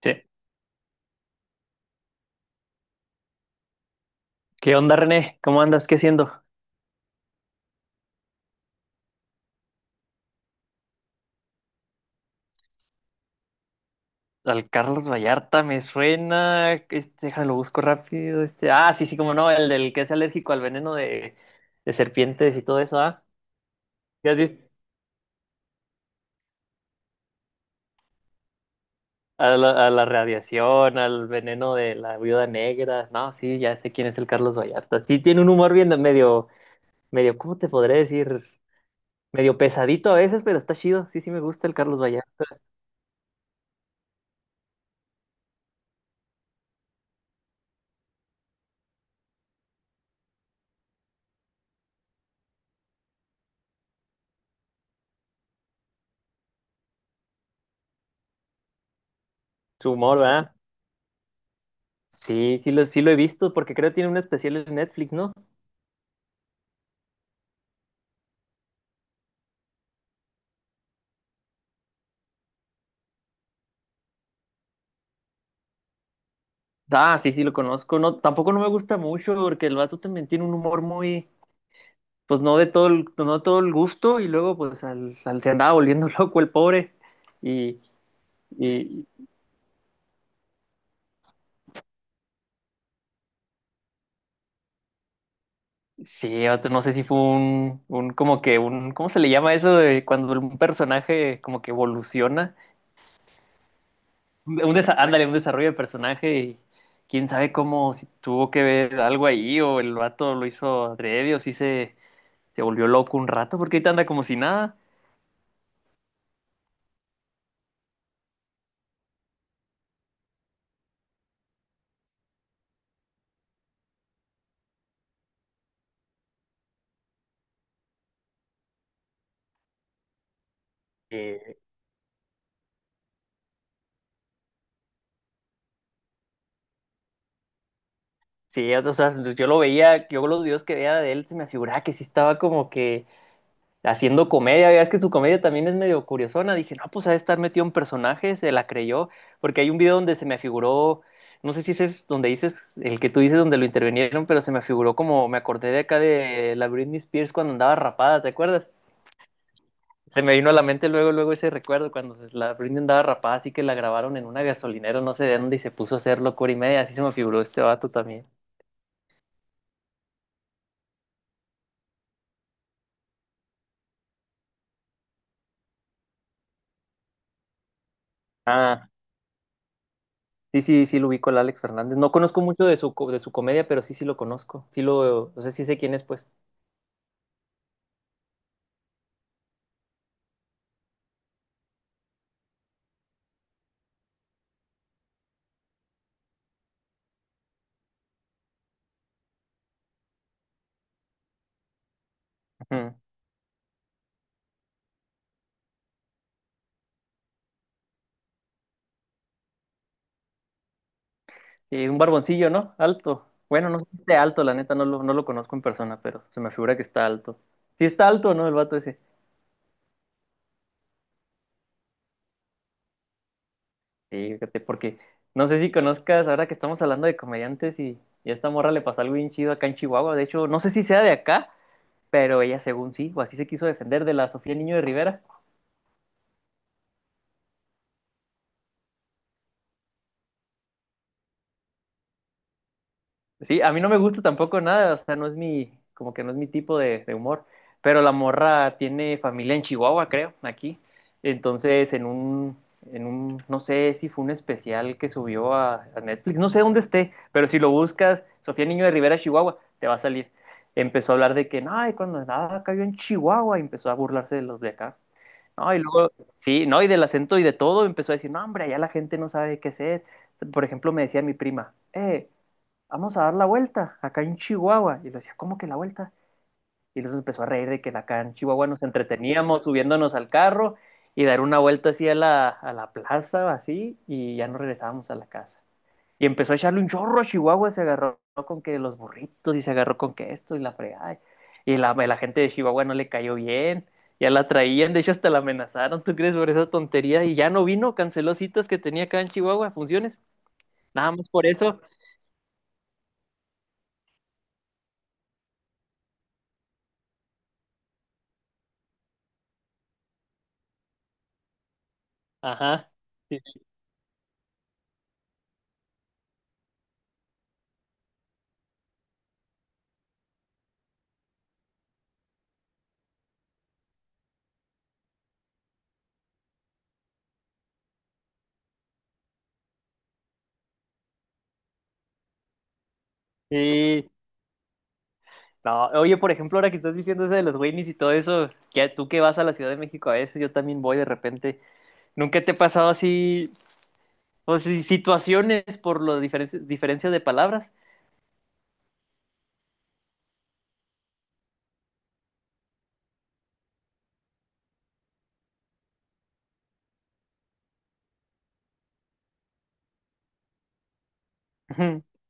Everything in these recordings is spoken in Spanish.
Che, ¿qué onda, René? ¿Cómo andas? ¿Qué haciendo? Al Carlos Vallarta me suena. Déjalo, busco rápido. Ah, sí, sí, como no, el del que es alérgico al veneno de serpientes y todo eso, ¿ah? ¿Ya has visto? A la radiación, al veneno de la viuda negra. No, sí, ya sé quién es el Carlos Vallarta. Sí, tiene un humor bien de medio, ¿cómo te podré decir? Medio pesadito a veces, pero está chido. Sí, sí, me gusta el Carlos Vallarta. Su humor, ¿verdad? Sí, sí lo he visto porque creo que tiene un especial en Netflix, ¿no? Ah, sí, sí, lo conozco. No, tampoco no me gusta mucho porque el vato también tiene un humor muy, pues no de todo el gusto y luego pues al, al se andaba volviendo loco el pobre. Y, y sí, vato, no sé si fue como que un, ¿cómo se le llama eso de cuando un personaje como que evoluciona? Ándale, un desarrollo de personaje y quién sabe cómo, si tuvo que ver algo ahí o el vato lo hizo adrede o si se volvió loco un rato porque ahorita anda como si nada. Eh, Sí, o sea, yo los videos que veía de él se me figuraba que sí estaba como que haciendo comedia, veas que su comedia también es medio curiosona, dije, no, pues ha de estar metido en personajes, se la creyó, porque hay un video donde se me figuró, no sé si ese es donde dices, el que tú dices donde lo intervinieron, pero se me figuró como, me acordé de acá de la Britney Spears cuando andaba rapada, ¿te acuerdas? Se me vino a la mente luego, luego ese recuerdo cuando la Britney andaba rapada, así que la grabaron en una gasolinera, no sé de dónde, y se puso a hacer locura y media, así se me figuró este vato también. Ah. Sí, sí, sí, lo ubico al Alex Fernández. No conozco mucho de su comedia, pero sí, sí lo conozco. O sea, sí sé quién es, pues. Ujú. Y un barboncillo, ¿no? Alto. Bueno, no sé si esté alto, la neta, no lo conozco en persona, pero se me figura que está alto. Sí está alto, ¿no? El vato ese. Sí, fíjate, porque no sé si conozcas, ahora que estamos hablando de comediantes y a esta morra le pasó algo bien chido acá en Chihuahua. De hecho, no sé si sea de acá, pero ella según sí, o así se quiso defender de la Sofía Niño de Rivera. Sí, a mí no me gusta tampoco nada, o sea, no es mi, como que no es mi tipo de humor, pero la morra tiene familia en Chihuahua, creo, aquí. Entonces, no sé si fue un especial que subió a Netflix, no sé dónde esté, pero si lo buscas, Sofía Niño de Rivera, Chihuahua, te va a salir. Empezó a hablar de que, ay, cuando nada cayó en Chihuahua, y empezó a burlarse de los de acá. No, y luego, sí, no, y del acento y de todo empezó a decir, no, hombre, allá la gente no sabe qué hacer. Por ejemplo, me decía mi prima, vamos a dar la vuelta acá en Chihuahua. Y le decía, ¿cómo que la vuelta? Y los empezó a reír de que acá en Chihuahua nos entreteníamos subiéndonos al carro y dar una vuelta así a la plaza, así, y ya nos regresábamos a la casa. Y empezó a echarle un chorro a Chihuahua, se agarró con que los burritos y se agarró con que esto y la fregada. Y la gente de Chihuahua no le cayó bien, ya la traían, de hecho hasta la amenazaron, ¿tú crees por esa tontería? Y ya no vino, canceló citas que tenía acá en Chihuahua, funciones, nada más por eso. Ajá. Sí. Sí. No, oye, por ejemplo, ahora que estás diciendo eso de los Goonies y todo eso, que tú que vas a la Ciudad de México a veces, yo también voy de repente. ¿Nunca te ha pasado así, o si- situaciones por las diferencias de palabras?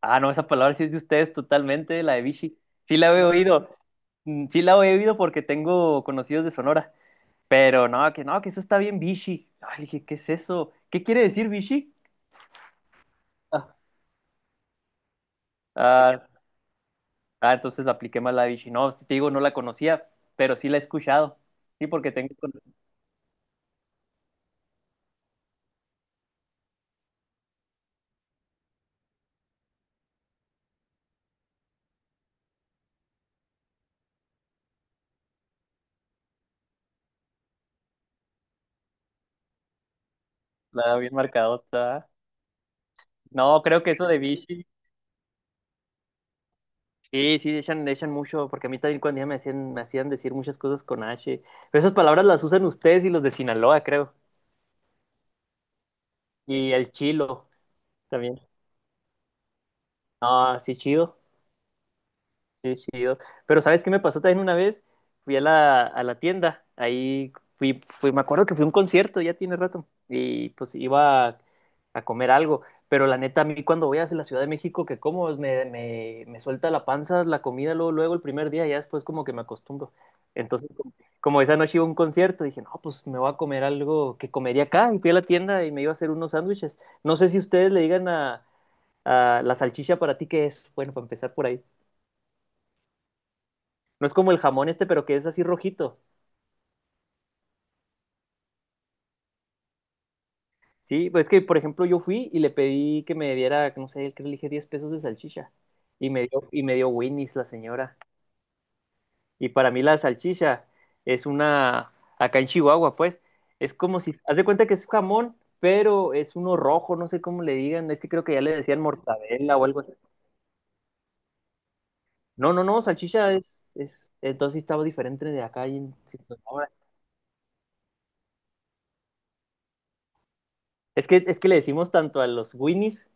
Ah, no, esa palabra sí es de ustedes totalmente, la de Vichy. Sí la he oído. Mm, sí la he oído porque tengo conocidos de Sonora. Pero no, que no, que eso está bien Vichy. Ay, dije, ¿qué es eso? ¿Qué quiere decir Vichy? Ah, ah, ah, entonces la apliqué mal la de Vichy. No, te digo, no la conocía, pero sí la he escuchado. Sí, porque tengo la bien marcadota. No, creo que eso de Vichy. Sí, sí, echan mucho, porque a mí también cuando ya me hacían decir muchas cosas con H. Pero esas palabras las usan ustedes y los de Sinaloa, creo. Y el chilo también. Ah, sí, chido. Sí, chido. Pero ¿sabes qué me pasó también una vez? Fui a la tienda. Ahí me acuerdo que fui a un concierto, ya tiene rato. Y pues iba a comer algo. Pero la neta, a mí cuando voy hacia la Ciudad de México, que como pues, me suelta la panza, la comida, luego, luego el primer día, ya después como que me acostumbro. Entonces, como esa noche iba a un concierto, dije, no, pues me voy a comer algo que comería acá. Y fui a la tienda y me iba a hacer unos sándwiches. No sé si ustedes le digan a. Ah, la salchicha para ti, ¿qué es? Bueno, para empezar por ahí. No es como el jamón este, pero que es así rojito. Sí, pues es que, por ejemplo, yo fui y le pedí que me diera, no sé, que le dije $10 de salchicha. Y me dio Winnie's la señora. Y para mí la salchicha es una, acá en Chihuahua, pues, es como si, haz de cuenta que es jamón, pero es uno rojo, no sé cómo le digan, es que creo que ya le decían mortadela o algo así. No, no, no, salchicha es, entonces sí estaba diferente de acá y en. Es que le decimos tanto a los Winnies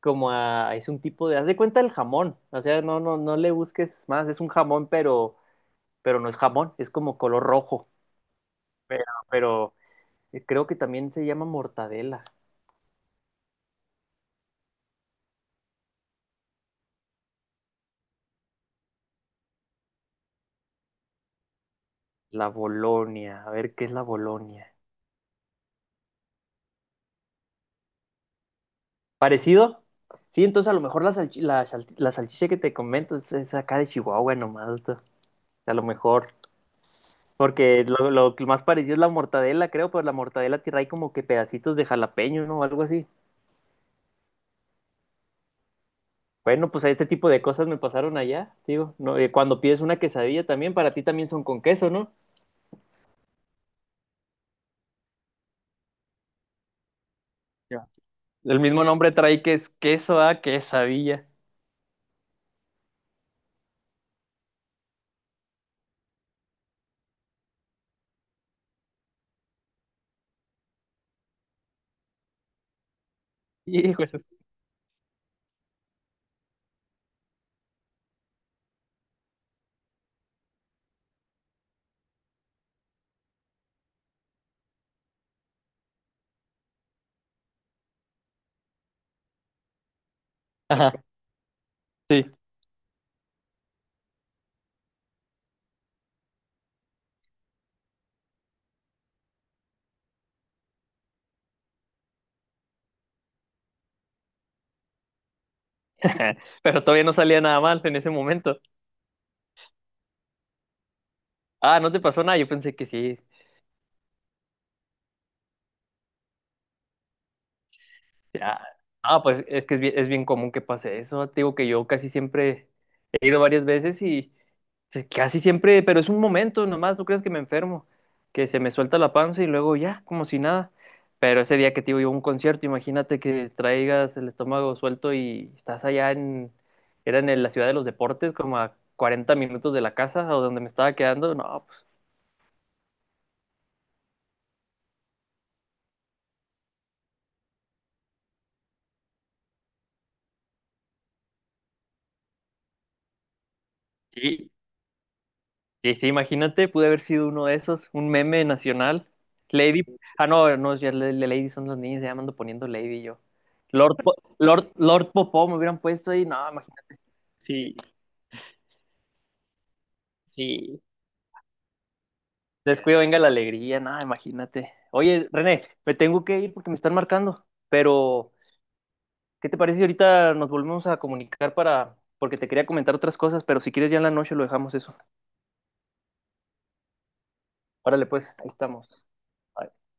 como a. Es un tipo de. Haz de cuenta el jamón. O sea, no, no, no le busques más. Es un jamón, pero no es jamón. Es como color rojo. Pero, pero, creo que también se llama mortadela. La Bolonia. A ver qué es la Bolonia. ¿Parecido? Sí, entonces a lo mejor la salchicha que te comento es acá de Chihuahua nomás. A lo mejor. Porque lo que más parecido es la mortadela, creo, pero la mortadela tira ahí como que pedacitos de jalapeño, ¿no? O algo así. Bueno, pues este tipo de cosas me pasaron allá, digo. No, cuando pides una quesadilla también, para ti también son con queso, ¿no? Ya. El mismo nombre trae que es queso a quesadilla. Hijo, eso. Ajá, sí. Pero todavía no salía nada mal en ese momento. Ah, ¿no te pasó nada? Yo pensé que sí. Ya. Ah, pues es que es bien común que pase eso. Te digo que yo casi siempre he ido varias veces y casi siempre, pero es un momento nomás, no crees que me enfermo, que se me suelta la panza y luego ya, como si nada. Pero ese día que te digo yo a un concierto, imagínate que traigas el estómago suelto y estás allá en, era en la ciudad de los deportes, como a 40 minutos de la casa o donde me estaba quedando. No, pues sí, y sí, imagínate, pude haber sido uno de esos, un meme nacional. Lady. Ah, no, no, ya la Lady son las niñas, ya me ando poniendo Lady yo. Lord Popó me hubieran puesto ahí, no, imagínate. Sí, sí. Descuido, venga la alegría, no, imagínate. Oye, René, me tengo que ir porque me están marcando, pero ¿qué te parece si ahorita nos volvemos a comunicar porque te quería comentar otras cosas, pero si quieres ya en la noche lo dejamos eso. Órale, pues, ahí estamos.